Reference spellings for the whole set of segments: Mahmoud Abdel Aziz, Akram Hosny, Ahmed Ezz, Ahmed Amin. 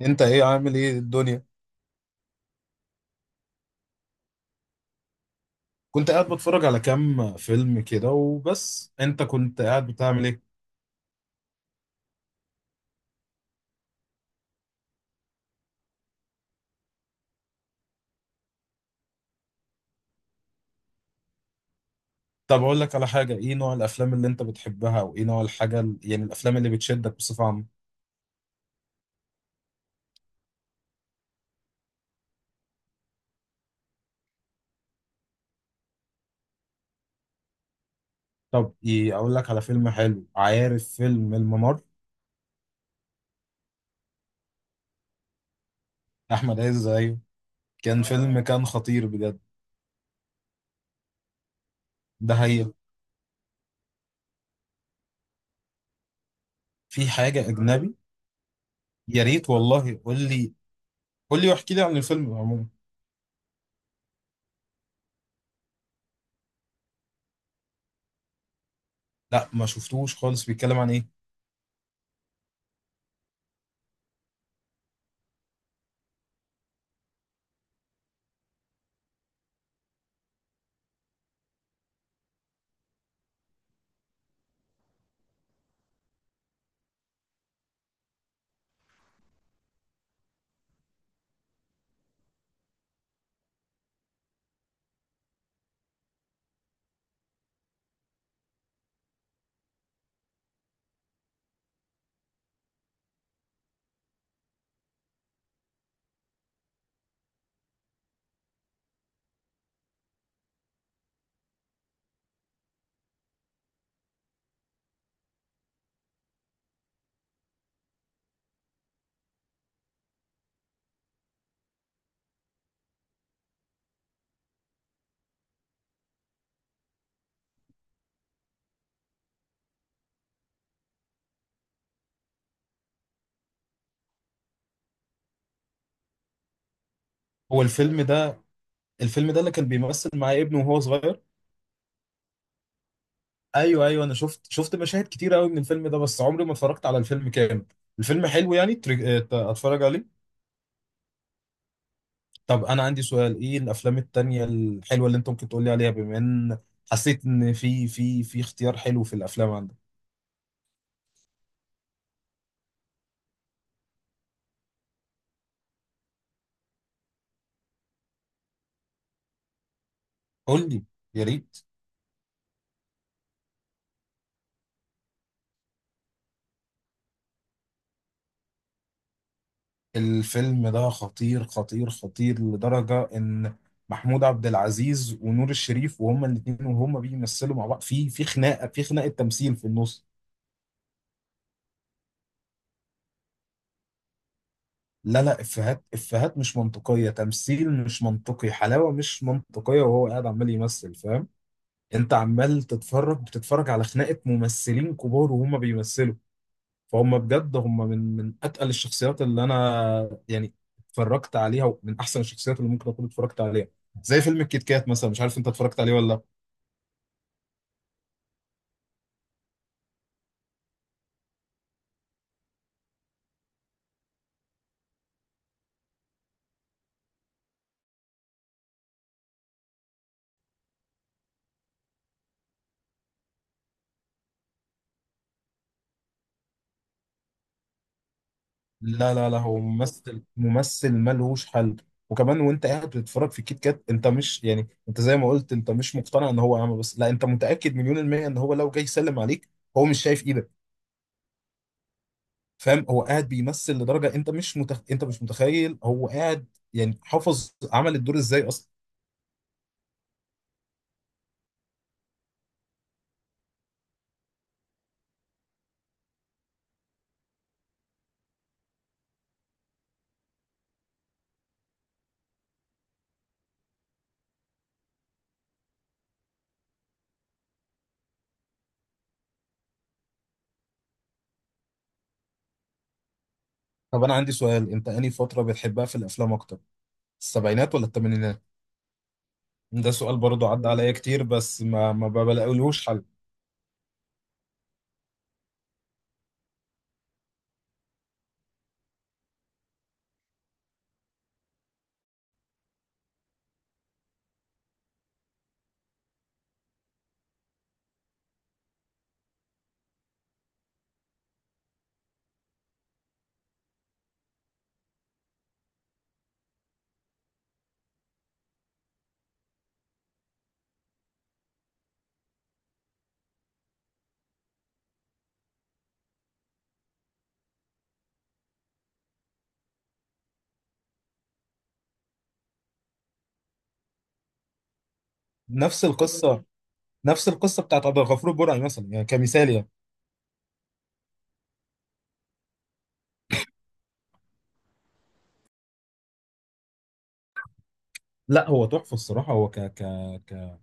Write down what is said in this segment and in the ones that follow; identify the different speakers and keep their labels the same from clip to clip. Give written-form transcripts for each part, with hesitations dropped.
Speaker 1: انت ايه عامل ايه الدنيا؟ كنت قاعد بتفرج على كام فيلم كده وبس. انت كنت قاعد بتعمل ايه؟ طب اقول لك على حاجه. ايه نوع الافلام اللي انت بتحبها، وايه نوع الحاجه يعني الافلام اللي بتشدك بصفه عامه؟ طب ايه، اقول لك على فيلم حلو. عارف فيلم الممر؟ احمد عز، ايوه. كان فيلم، كان خطير بجد. ده هي، في حاجه اجنبي؟ يا ريت والله، قول لي. قول لي واحكي لي عن الفيلم عموما. لا، ما شفتوش خالص. بيتكلم عن ايه؟ هو الفيلم ده، اللي كان بيمثل معاه ابنه وهو صغير؟ ايوه، ايوه، انا شفت مشاهد كتير قوي من الفيلم ده، بس عمري ما اتفرجت على الفيلم كامل. الفيلم حلو يعني، اتفرج عليه. طب انا عندي سؤال. ايه الافلام التانية الحلوة اللي انت ممكن تقول لي عليها؟ بما ان حسيت ان في اختيار حلو في الافلام عندك. قول لي، يا ريت. الفيلم ده خطير خطير خطير لدرجة ان محمود عبد العزيز ونور الشريف، وهما الاثنين وهما بيمثلوا مع بعض، في خناقة، في خناقة تمثيل في النص. لا لا، افيهات افيهات مش منطقيه، تمثيل مش منطقي، حلاوه مش منطقيه، وهو قاعد عمال يمثل، فاهم. انت عمال بتتفرج على خناقه ممثلين كبار وهم بيمثلوا. فهم بجد، هم من اتقل الشخصيات اللي انا يعني اتفرجت عليها، ومن احسن الشخصيات اللي ممكن اكون اتفرجت عليها. زي فيلم الكيت كات مثلا، مش عارف انت اتفرجت عليه ولا لا. لا لا لا، هو ممثل، ممثل ملهوش حل. وكمان، وانت قاعد بتتفرج في كيت كات، انت مش يعني، انت زي ما قلت، انت مش مقتنع ان هو اعمى، بس لا، انت متاكد مليون الميه ان هو لو جاي يسلم عليك هو مش شايف ايدك، فاهم. هو قاعد بيمثل لدرجه انت مش متخيل هو قاعد، يعني حافظ عمل الدور ازاي اصلا. طب انا عندي سؤال. انت انهي فتره بتحبها في الافلام اكتر، السبعينات ولا الثمانينات؟ ده سؤال برضه عدى عليا كتير، بس ما بلاقيلهوش حل. نفس القصه، نفس القصه بتاعت عبد الغفور البرعي مثلا، يعني كمثال يعني. لا، هو تحفه الصراحه، هو ك ك ك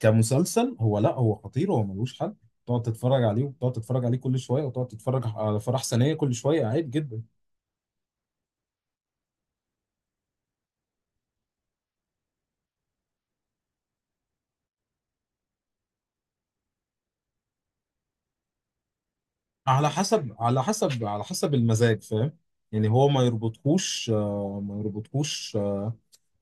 Speaker 1: كمسلسل، هو لا، هو خطير، هو ملوش حل. تقعد تتفرج عليه وتقعد تتفرج عليه كل شويه، وتقعد تتفرج على فرح سنيه كل شويه، عادي جدا. على حسب، على حسب، على حسب المزاج، فاهم. يعني هو ما يربطكوش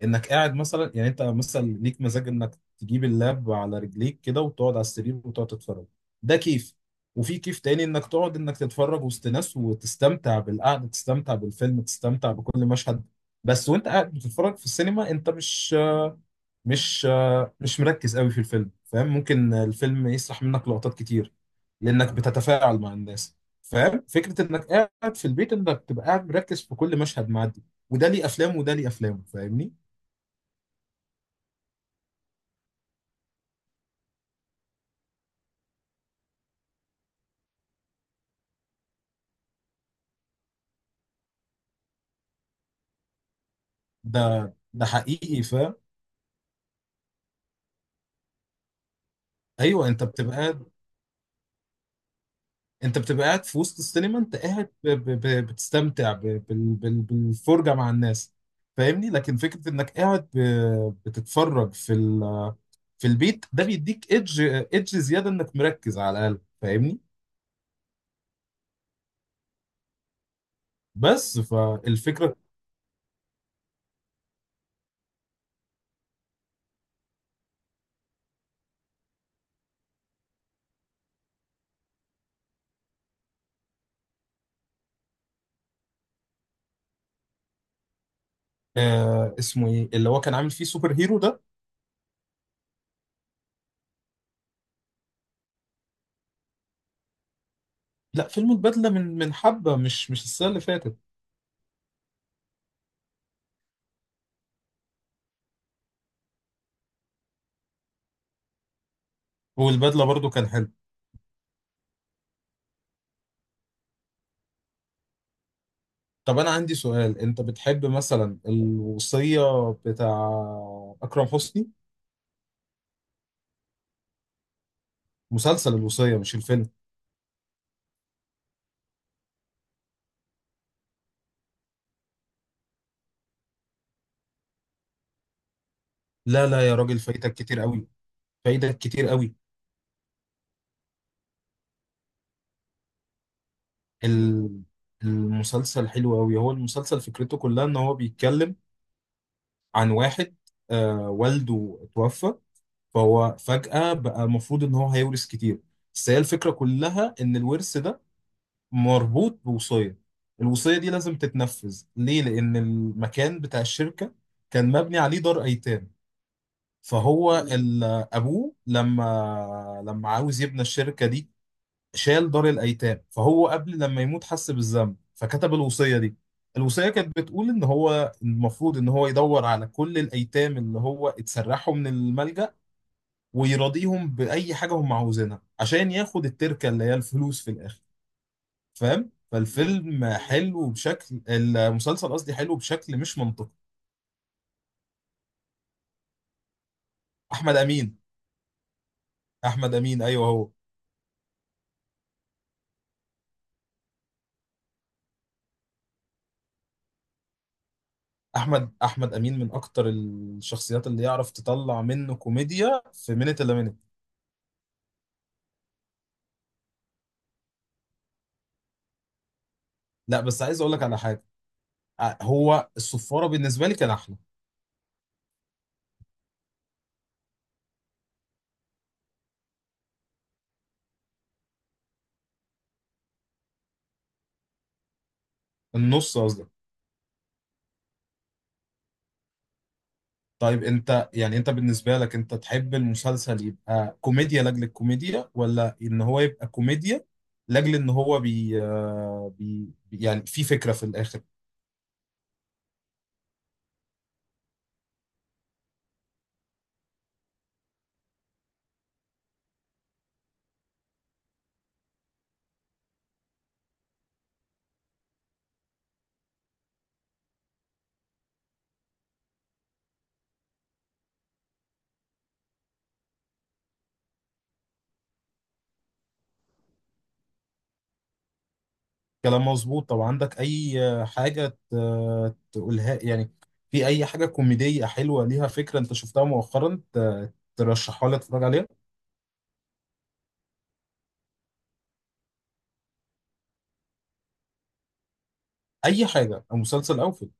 Speaker 1: انك قاعد مثلا، يعني انت مثلا ليك مزاج انك تجيب اللاب على رجليك كده وتقعد على السرير وتقعد تتفرج، ده كيف. وفي كيف تاني، انك تقعد، انك تتفرج وسط ناس وتستمتع بالقعده، تستمتع بالفيلم، تستمتع بكل مشهد. بس وانت قاعد بتتفرج في السينما، انت مش مش مركز قوي في الفيلم، فاهم، ممكن الفيلم يسرح منك لقطات كتير لانك بتتفاعل مع الناس، فاهم. فكره انك قاعد في البيت انك تبقى قاعد مركز في كل مشهد معدي، وده ليه افلام، فاهمني. ده حقيقي، فاهم. ايوه، انت بتبقى قاعد في وسط السينما، انت قاعد بتستمتع بالفرجه مع الناس، فاهمني. لكن فكره انك قاعد بتتفرج في في البيت، ده بيديك ايدج زياده انك مركز على الاقل، فاهمني. بس فالفكره. اسمه ايه اللي هو كان عامل فيه سوبر هيرو ده؟ لا فيلم البدله، من حبه، مش السنه اللي فاتت. والبدله برضو كان حلو. طب انا عندي سؤال. انت بتحب مثلا الوصية بتاع اكرم حسني؟ مسلسل الوصية، مش الفيلم. لا لا يا راجل، فايتك كتير قوي، فايتك كتير قوي. ال- المسلسل حلو قوي. هو المسلسل فكرته كلها ان هو بيتكلم عن واحد والده توفى، فهو فجأة بقى المفروض ان هو هيورث كتير. بس هي الفكرة كلها ان الورث ده مربوط بوصية، الوصية دي لازم تتنفذ. ليه؟ لأن المكان بتاع الشركة كان مبني عليه دار أيتام. فهو أبوه لما عاوز يبني الشركة دي شال دار الأيتام، فهو قبل لما يموت حس بالذنب فكتب الوصية دي. الوصية كانت بتقول إن هو المفروض إن هو يدور على كل الأيتام اللي هو اتسرحوا من الملجأ ويراضيهم بأي حاجة هم عاوزينها، عشان ياخد التركة اللي هي الفلوس في الآخر، فاهم. فالفيلم حلو بشكل، المسلسل قصدي، حلو بشكل مش منطقي. احمد امين، احمد امين، ايوه هو. احمد امين من اكتر الشخصيات اللي يعرف تطلع منه كوميديا في منت الا منت. لا بس عايز اقول لك على حاجه. هو الصفاره بالنسبه لي كان احلى. النص قصدي. طيب، انت يعني، انت بالنسبه لك انت تحب المسلسل يبقى كوميديا لاجل الكوميديا، ولا ان هو يبقى كوميديا لاجل ان هو بي, آه، بي بي- يعني في فكره في الاخر؟ كلام مظبوط. طب عندك اي حاجة تقولها يعني؟ في اي حاجة كوميدية حلوة ليها فكرة انت شفتها مؤخرا ترشحها لي اتفرج عليها؟ اي حاجة، او مسلسل او فيلم.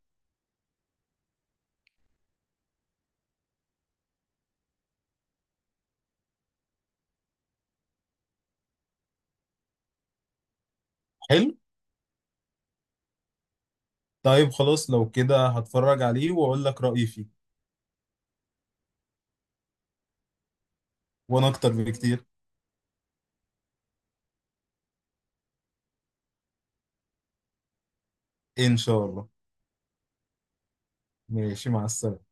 Speaker 1: حلو. طيب خلاص، لو كده هتفرج عليه واقول لك رأيي فيه. وانا اكتر بكتير. ان شاء الله. ماشي، مع السلامة.